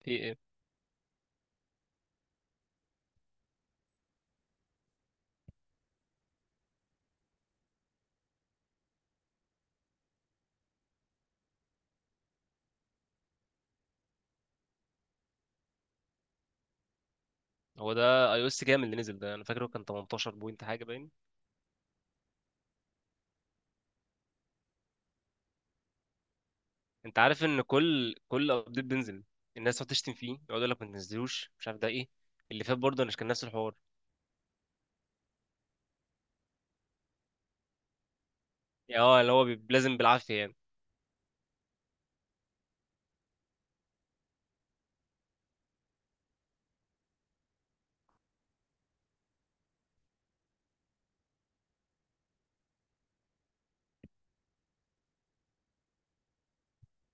في ايه؟ هو ده اي او اس كام اللي نزل ده؟ انا فاكره كان 18 بوينت حاجه باين. انت عارف ان كل ابديت بينزل الناس تقعد تشتم فيه، يقعد يقول لك ما تنزلوش، مش عارف ده ايه. اللي فات برضه مش كان نفس الحوار؟ اه، اللي هو لازم بالعافيه يعني.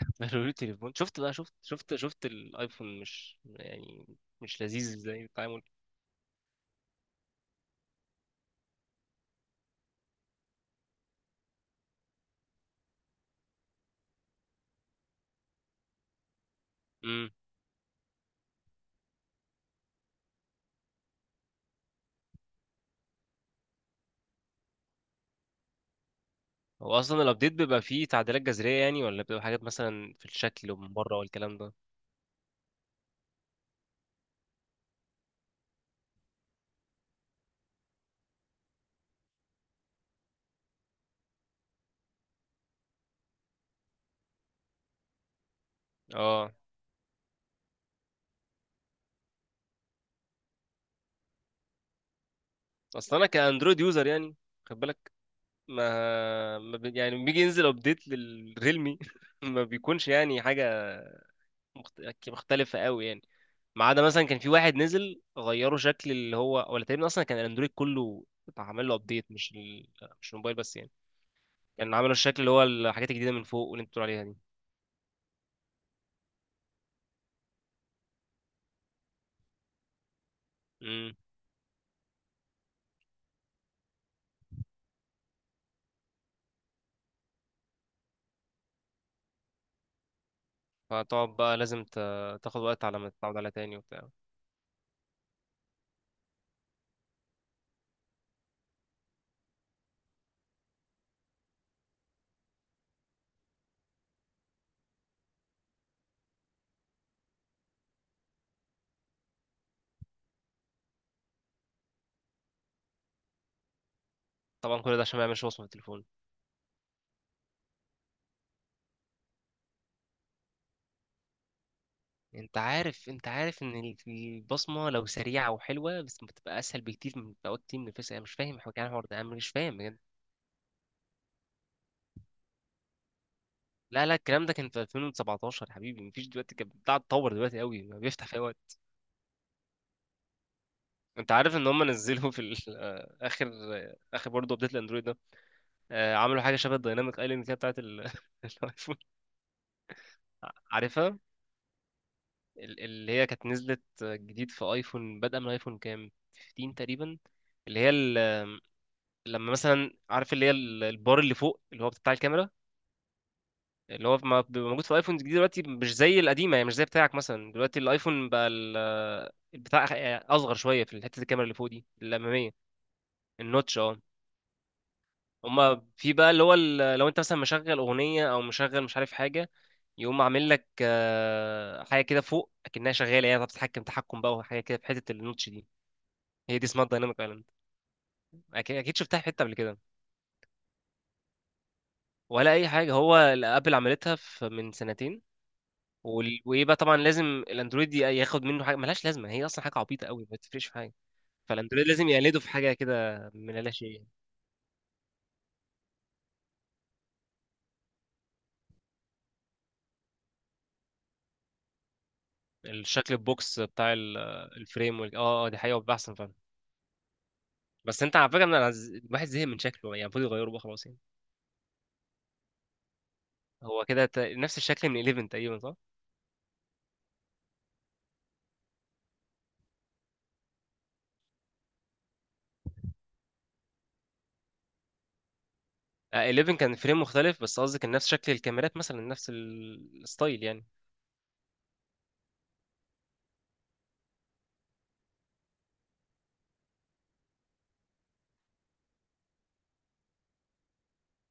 قالوا لي التليفون. شفت بقى؟ شفت شفت شفت الايفون، مش يعني مش لذيذ زي التعامل. امم. هو اصلا الابديت بيبقى فيه تعديلات جذريه يعني، ولا بتبقى حاجات مثلا في الشكل ومن بره والكلام ده؟ اه. اصلا انا كاندرويد يوزر يعني، خد بالك. ما, ما بي... يعني لما بيجي ينزل ابديت للريلمي ما بيكونش يعني حاجه، يعني مختلفه قوي يعني. ما عدا مثلا كان في واحد نزل، غيروا شكل اللي هو، ولا تقريبا اصلا كان الاندرويد كله عمل له ابديت. مش مش الموبايل بس يعني. كان عملوا الشكل اللي هو الحاجات الجديده من فوق، واللي انت بتقول عليها دي. امم. فتقعد بقى لازم تاخد وقت على ما تتعود عليها تاني وبتاع. طبعا كل ده عشان ما يعملش وصمه في التليفون. انت عارف ان البصمه لو سريعه وحلوه بس بتبقى اسهل بكتير، من بتبقى كتير من الفيس. انا مش فاهم حوار، كان الحوار ده انا مش فاهم بجد. لا لا، الكلام ده كان في 2017 يا حبيبي، مفيش دلوقتي، كان بتاع اتطور دلوقتي قوي، ما بيفتح فيها وقت. انت عارف ان هم نزلوا في اخر اخر برضه ابديت الاندرويد ده. عملوا حاجه شبه الدايناميك ايلاند كده بتاعت الايفون. عارفها؟ اللي هي كانت نزلت جديد في ايفون. بدأ من ايفون كام؟ 15 تقريبا. اللي هي لما مثلا، عارف اللي هي البار اللي فوق اللي هو بتاع الكاميرا، اللي هو بيبقى موجود في الايفون الجديد دلوقتي، مش زي القديمه يعني، مش زي بتاعك مثلا. دلوقتي الايفون بقى البتاع اصغر شويه في حته الكاميرا اللي فوق دي، الاماميه. النوتش، اه. هما في بقى اللي هو لو انت مثلا مشغل اغنيه او مشغل مش عارف حاجه، يقوم عامل لك حاجه كده فوق اكنها شغاله يعني، بتتحكم تحكم بقى وحاجه كده في حته النوتش دي. هي دي اسمها الدايناميك ايلاند. اكيد أكيد شفتها في حته قبل كده. ولا اي حاجه، هو اللي ابل عملتها في من سنتين. ويبقى طبعا لازم الاندرويد ياخد منه حاجه ملهاش لازمه، هي اصلا حاجه عبيطه قوي، ما تفرقش في حاجه. فالاندرويد لازم يقلده في حاجه كده من لا شيء. الشكل البوكس بتاع الفريم اه اه، دي حقيقه بيبقى احسن فعلا. بس انت على فكره إن انا الواحد زهق من شكله يعني، المفروض يغيره بقى خلاص يعني. هو كده نفس الشكل من 11 تقريبا، صح؟ آه 11 كان فريم مختلف، بس قصدي كان نفس شكل الكاميرات مثلا، نفس الستايل يعني.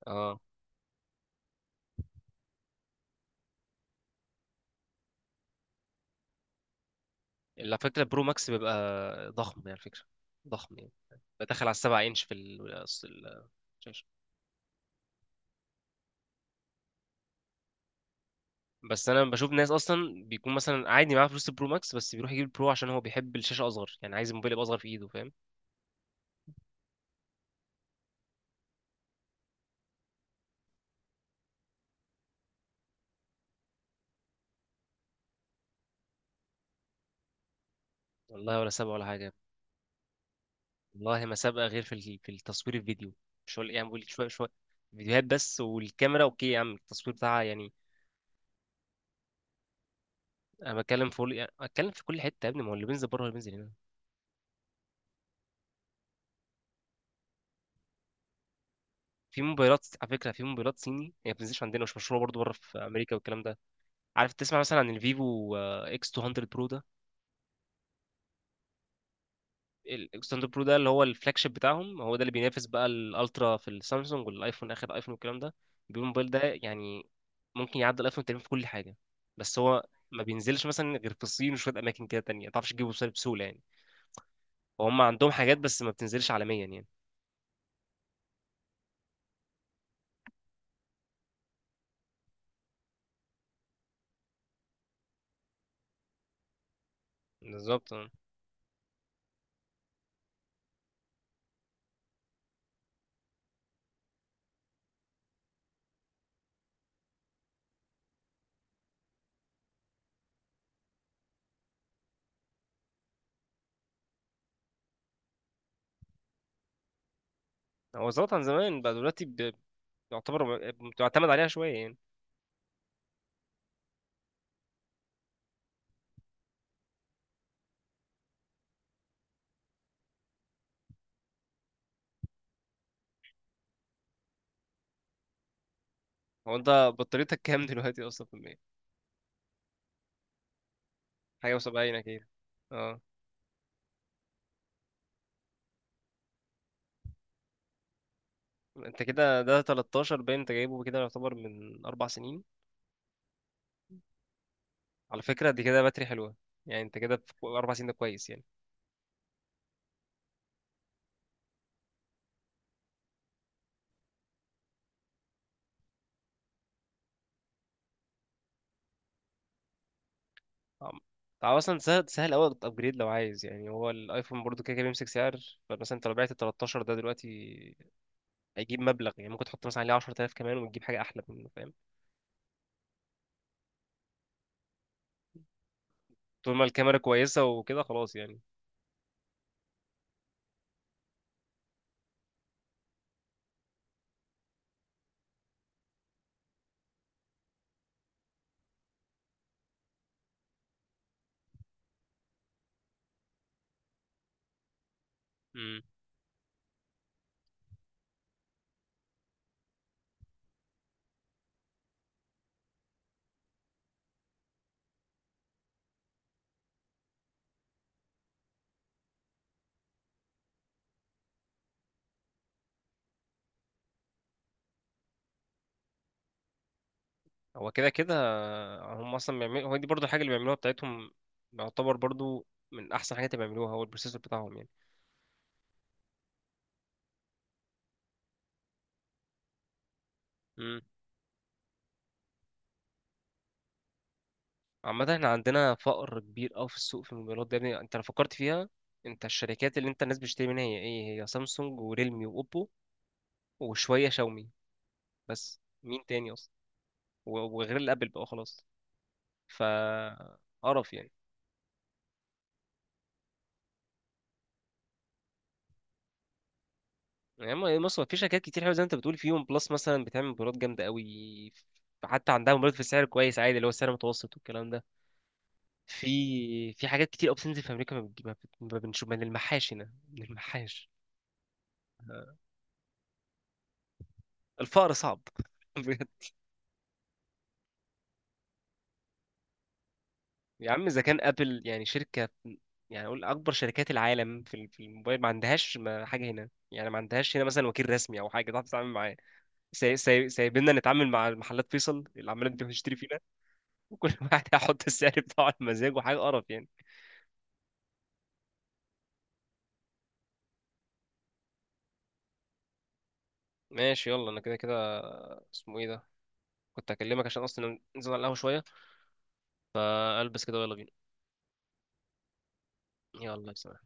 اه، على فكره برو ماكس بيبقى ضخم يعني، على فكره. ضخم يعني، بدخل على 7 انش في الشاشه. بس انا بشوف ناس اصلا بيكون مثلا عادي معاه فلوس البرو ماكس، بس بيروح يجيب البرو عشان هو بيحب الشاشه اصغر يعني، عايز الموبايل يبقى اصغر في ايده، فاهم. والله ولا سابقه ولا حاجه. والله ما سابقه غير في في التصوير الفيديو. مش هو يعني، بقول شويه شويه فيديوهات بس. والكاميرا اوكي يا عم، التصوير بتاعها يعني. انا بتكلم في، يعني اتكلم في كل حته يا ابني، ما هو اللي بينزل بره اللي بينزل هنا. في موبايلات على فكره، في موبايلات صيني هي ما بتنزلش عندنا، مش مشهوره برضه بره في امريكا والكلام ده. عارف تسمع مثلا عن الفيفو اكس 200 برو ده؟ الستاند اب برو ده اللي هو الفلاج شيب بتاعهم، هو ده اللي بينافس بقى الالترا في السامسونج والايفون، اخر ايفون والكلام ده. البيبي موبايل ده يعني ممكن يعدي الايفون تقريبا في كل حاجه. بس هو ما بينزلش مثلا غير في الصين وشويه اماكن كده تانية، ما تعرفش تجيبه بسهوله، بسهولة يعني. وهم عندهم حاجات بس ما بتنزلش عالميا يعني. بالظبط اه. هو ظبط عن زمان، بقى دلوقتي يعتبر بتعتمد عليها شويه يعني. هو انت بطاريتك كام دلوقتي اصلا في المية؟ حاجه و70 اكيد. اه، انت كده ده 13، باين انت جايبه كده يعتبر من 4 سنين. على فكرة دي كده باتري حلوة، يعني انت كده في 4 سنين ده كويس يعني. طبعا. طبعا، أصلا سهل سهل أوي أبجريد لو عايز، يعني هو الأيفون برضو كده كده بيمسك سعر. فمثلا أنت لو بعت ال 13 ده دلوقتي هيجيب مبلغ، يعني ممكن تحط مثلا عليه 10,000 كمان وتجيب حاجة أحلى منه، فاهم. طول ما الكاميرا كويسة وكده، خلاص يعني. امم. هو كده كده هم أصلا بيعملوا، هو دي برضو الحاجة اللي بيعملوها بتاعتهم، يعتبر برضو من أحسن حاجات اللي بيعملوها هو البروسيسور بتاعهم. يعني عامة احنا عندنا فقر كبير أوي في السوق في الموبايلات ده يا ابني، انت لو فكرت فيها انت، الشركات اللي انت الناس بتشتري منها هي ايه؟ هي سامسونج وريلمي واوبو وشوية شاومي. بس مين تاني اصلا؟ وغير الابل بقى خلاص. ف قرف يعني. يعني بص، هو في شركات كتير حلوة زي ما انت بتقول، في ون بلس مثلا بتعمل موبايلات جامدة أوي، حتى عندها موبايلات في سعر كويس عادي اللي هو سعر متوسط والكلام ده. في في حاجات كتير أوي بتنزل في أمريكا، ما بتجيبها، ما بنشوف من المحاش هنا، من المحاش. الفقر صعب يا عم اذا كان ابل يعني شركه، يعني اقول اكبر شركات العالم في في الموبايل، ما عندهاش حاجه هنا يعني، ما عندهاش هنا مثلا وكيل رسمي او حاجه تعرف تتعامل معاه. سايبيننا نتعامل مع محلات فيصل اللي عماله بتشتري فينا. وكل واحد هيحط السعر بتاعه على مزاجه، حاجه قرف يعني. ماشي، يلا انا كده كده، اسمه ايه ده، كنت هكلمك عشان اصلا ننزل على القهوه شويه. فالبس كده ويلا بينا. يلا سلام.